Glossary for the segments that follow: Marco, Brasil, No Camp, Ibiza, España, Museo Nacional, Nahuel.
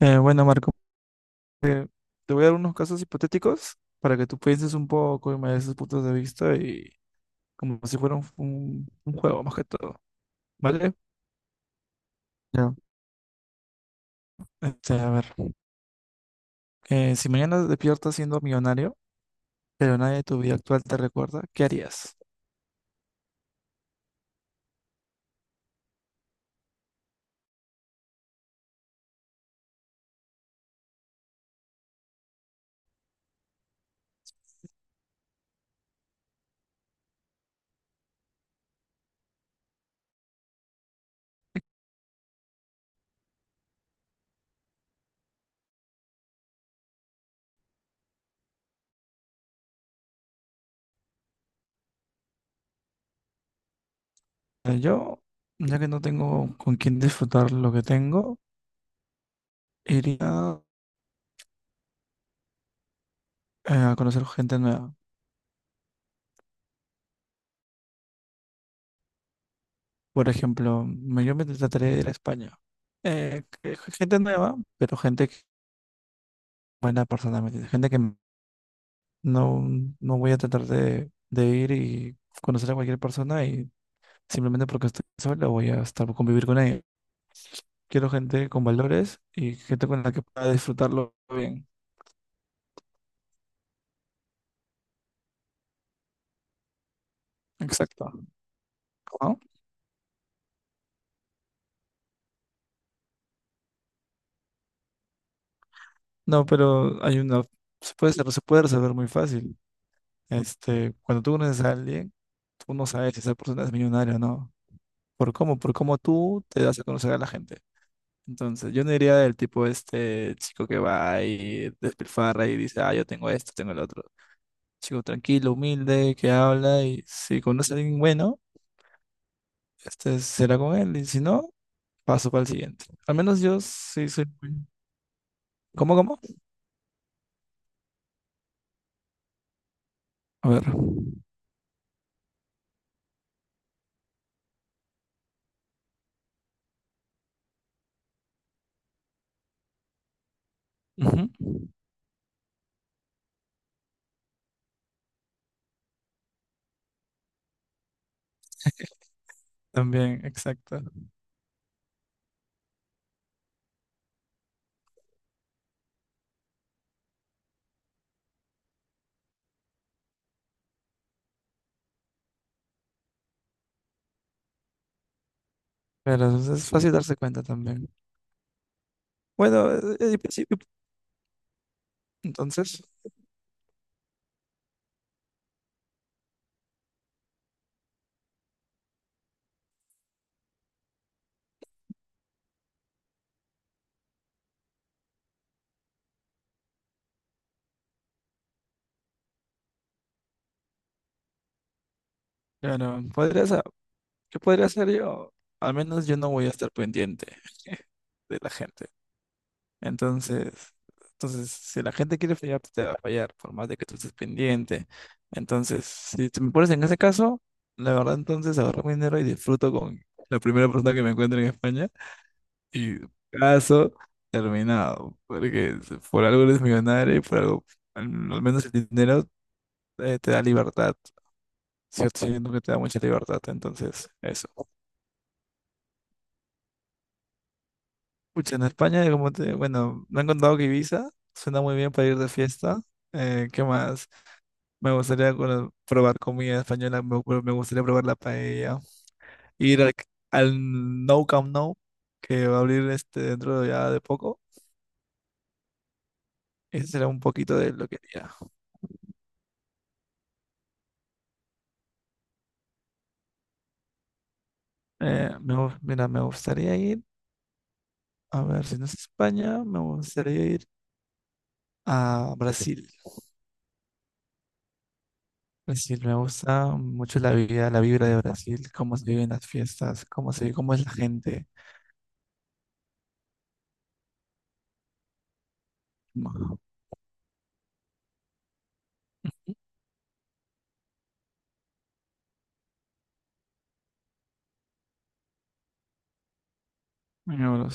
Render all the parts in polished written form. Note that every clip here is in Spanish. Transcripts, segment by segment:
Bueno, Marco, te voy a dar unos casos hipotéticos para que tú pienses un poco y me des tus puntos de vista y como si fuera un juego más que todo, ¿vale? Ya. Este, a ver, si mañana despiertas siendo millonario, pero nadie de tu vida actual te recuerda, ¿qué harías? Yo, ya que no tengo con quién disfrutar lo que tengo, iría a conocer gente nueva. Por ejemplo, yo me trataré de ir a España. Gente nueva, pero buena personalmente, gente que no, no voy a tratar de ir y conocer a cualquier persona y simplemente porque estoy sola voy a estar convivir con ella. Quiero gente con valores y gente con la que pueda disfrutarlo bien. Exacto. ¿No? No, pero hay una, se puede resolver muy fácil. Este, cuando tú conoces a alguien, tú no sabes si esa persona es millonaria o no. ¿Por cómo? Por cómo tú te das a conocer a la gente. Entonces, yo no diría del tipo este chico que va y despilfarra y dice, ah, yo tengo esto, tengo el otro. Chico tranquilo, humilde, que habla y si conoce a alguien bueno, este será con él y si no, paso para el siguiente. Al menos yo sí soy muy... ¿Cómo, cómo? A ver. Ujú. También, exacto. Pero es fácil darse cuenta también. Bueno, pues sí, entonces, claro, podrías ¿qué podría hacer yo? Al menos yo no voy a estar pendiente de la gente. Entonces, entonces, si la gente quiere fallar, pues te va a fallar, por más de que tú estés pendiente. Entonces, si te me pones en ese caso, la verdad, entonces agarro mi dinero y disfruto con la primera persona que me encuentre en España. Y caso terminado, porque si por algo eres millonario y por algo, al al menos el dinero te da libertad. Cierto, siento que te da mucha libertad, entonces, eso. Pucha, en España, como te, bueno, me han contado que Ibiza suena muy bien para ir de fiesta. ¿Qué más? Me gustaría probar comida española, me gustaría probar la paella, ir al No Camp No, que va a abrir este dentro de ya de poco. Ese será un poquito de lo que haría. Mira, me gustaría ir, a ver, si no es España, me gustaría ir a Brasil. Brasil, me gusta mucho la vida, la vibra de Brasil, cómo se viven las fiestas, cómo es la gente. Ujú. Ujú.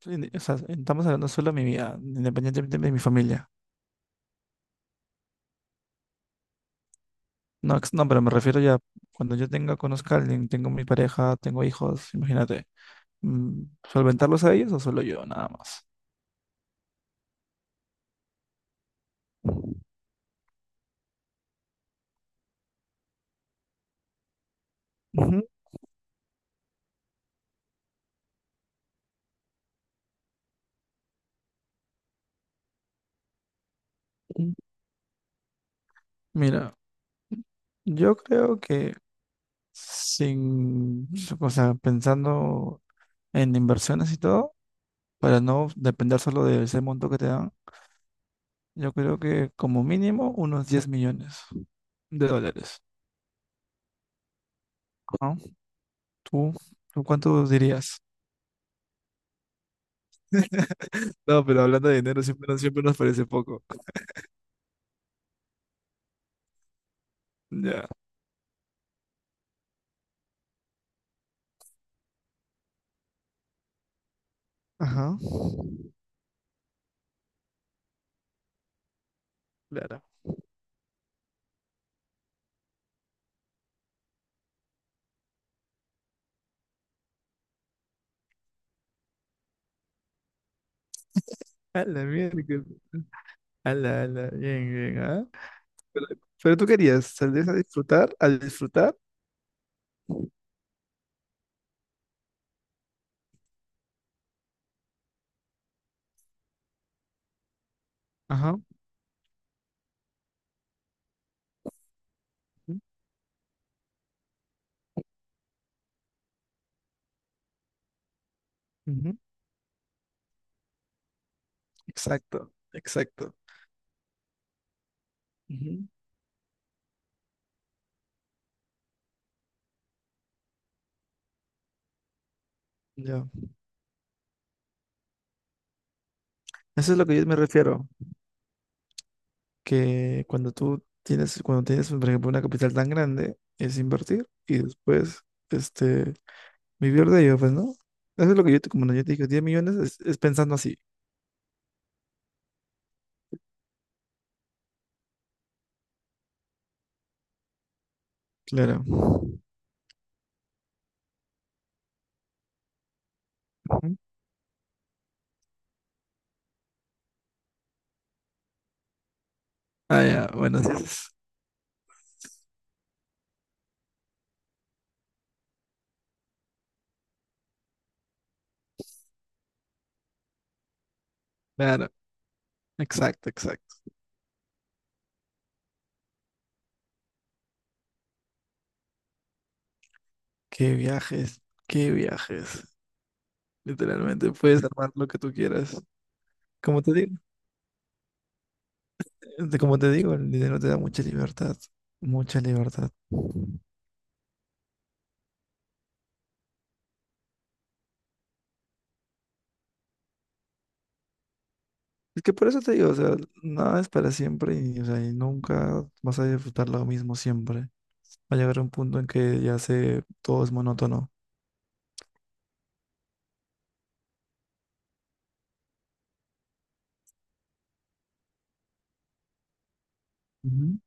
Sí, o sea, estamos hablando solo de mi vida, independientemente de mi familia. No, pero me refiero ya, cuando yo tenga, conozca a alguien, tengo mi pareja, tengo hijos, imagínate, mm, ¿solventarlos a ellos o solo yo, nada más? Ujú. Mira, yo creo que sin, o sea, pensando en inversiones y todo, para no depender solo de ese monto que te dan, yo creo que como mínimo unos $10 millones. Ajá. ¿Tú, tú cuánto dirías? No, pero hablando de dinero siempre nos parece poco. Ya. Ajá. Claro. A la mierda. Bien, bien, ¿ah? Pero, pero tú querías salir a disfrutar, a disfrutar. Ajá. Ujú, ujú, exacto, exacto. Ujú, ya. Eso es lo que yo me refiero, que cuando tú tienes, cuando tienes, por ejemplo, una capital tan grande, es invertir y después, este, vivir de ello, pues, ¿no? Eso es lo que yo, como yo te dije, 10 millones es pensando así. Claro. Ujú. Ah, ya, bueno, así es. Claro. Exacto, exacto. Qué viajes, qué viajes. Literalmente puedes armar lo que tú quieras. Como te digo, como te digo, el dinero te da mucha libertad, mucha libertad. Es que por eso te digo, o sea, nada es para siempre y, o sea, y nunca vas a disfrutar lo mismo siempre. Va a llegar un punto en que ya se todo es monótono. Ujú.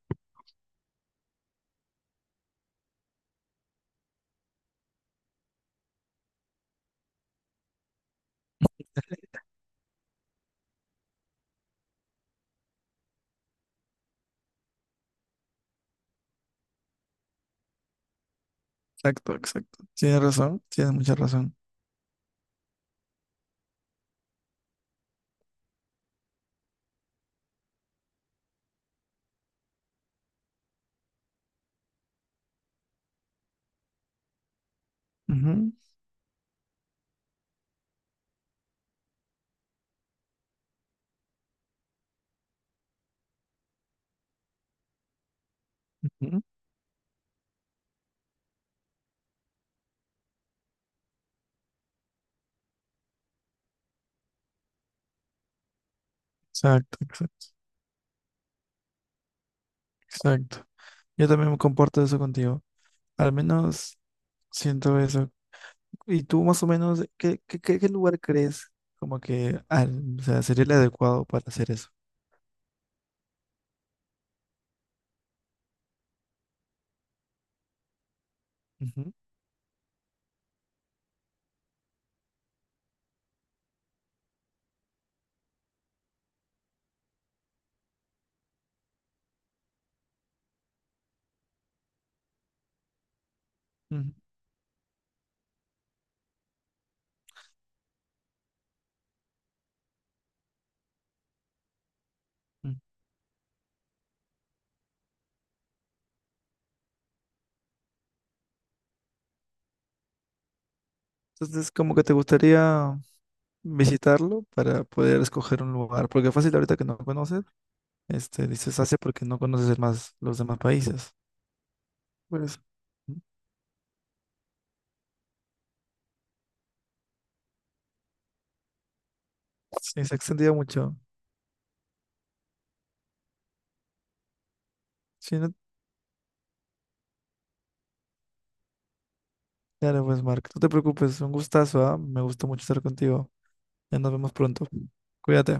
Exacto, exacto. Tienes razón, tienes mucha razón. Ujú, ujú. Exacto, exacto, exacto. Yo también me comporto eso contigo. Al menos siento eso. ¿Y tú más o menos qué lugar crees como que o sea, sería el adecuado para hacer eso? Ujú, ujú, ujú. Entonces, como que te gustaría visitarlo para poder escoger un lugar, porque fácil ahorita que no conoces, este, dices Asia porque no conoces más los demás países. Pues ujú. Sí, se ha extendido mucho. Sí, no- claro, pues Mark, no te preocupes, un gustazo, ¿ah? Me gustó mucho estar contigo. Ya nos vemos pronto. Cuídate.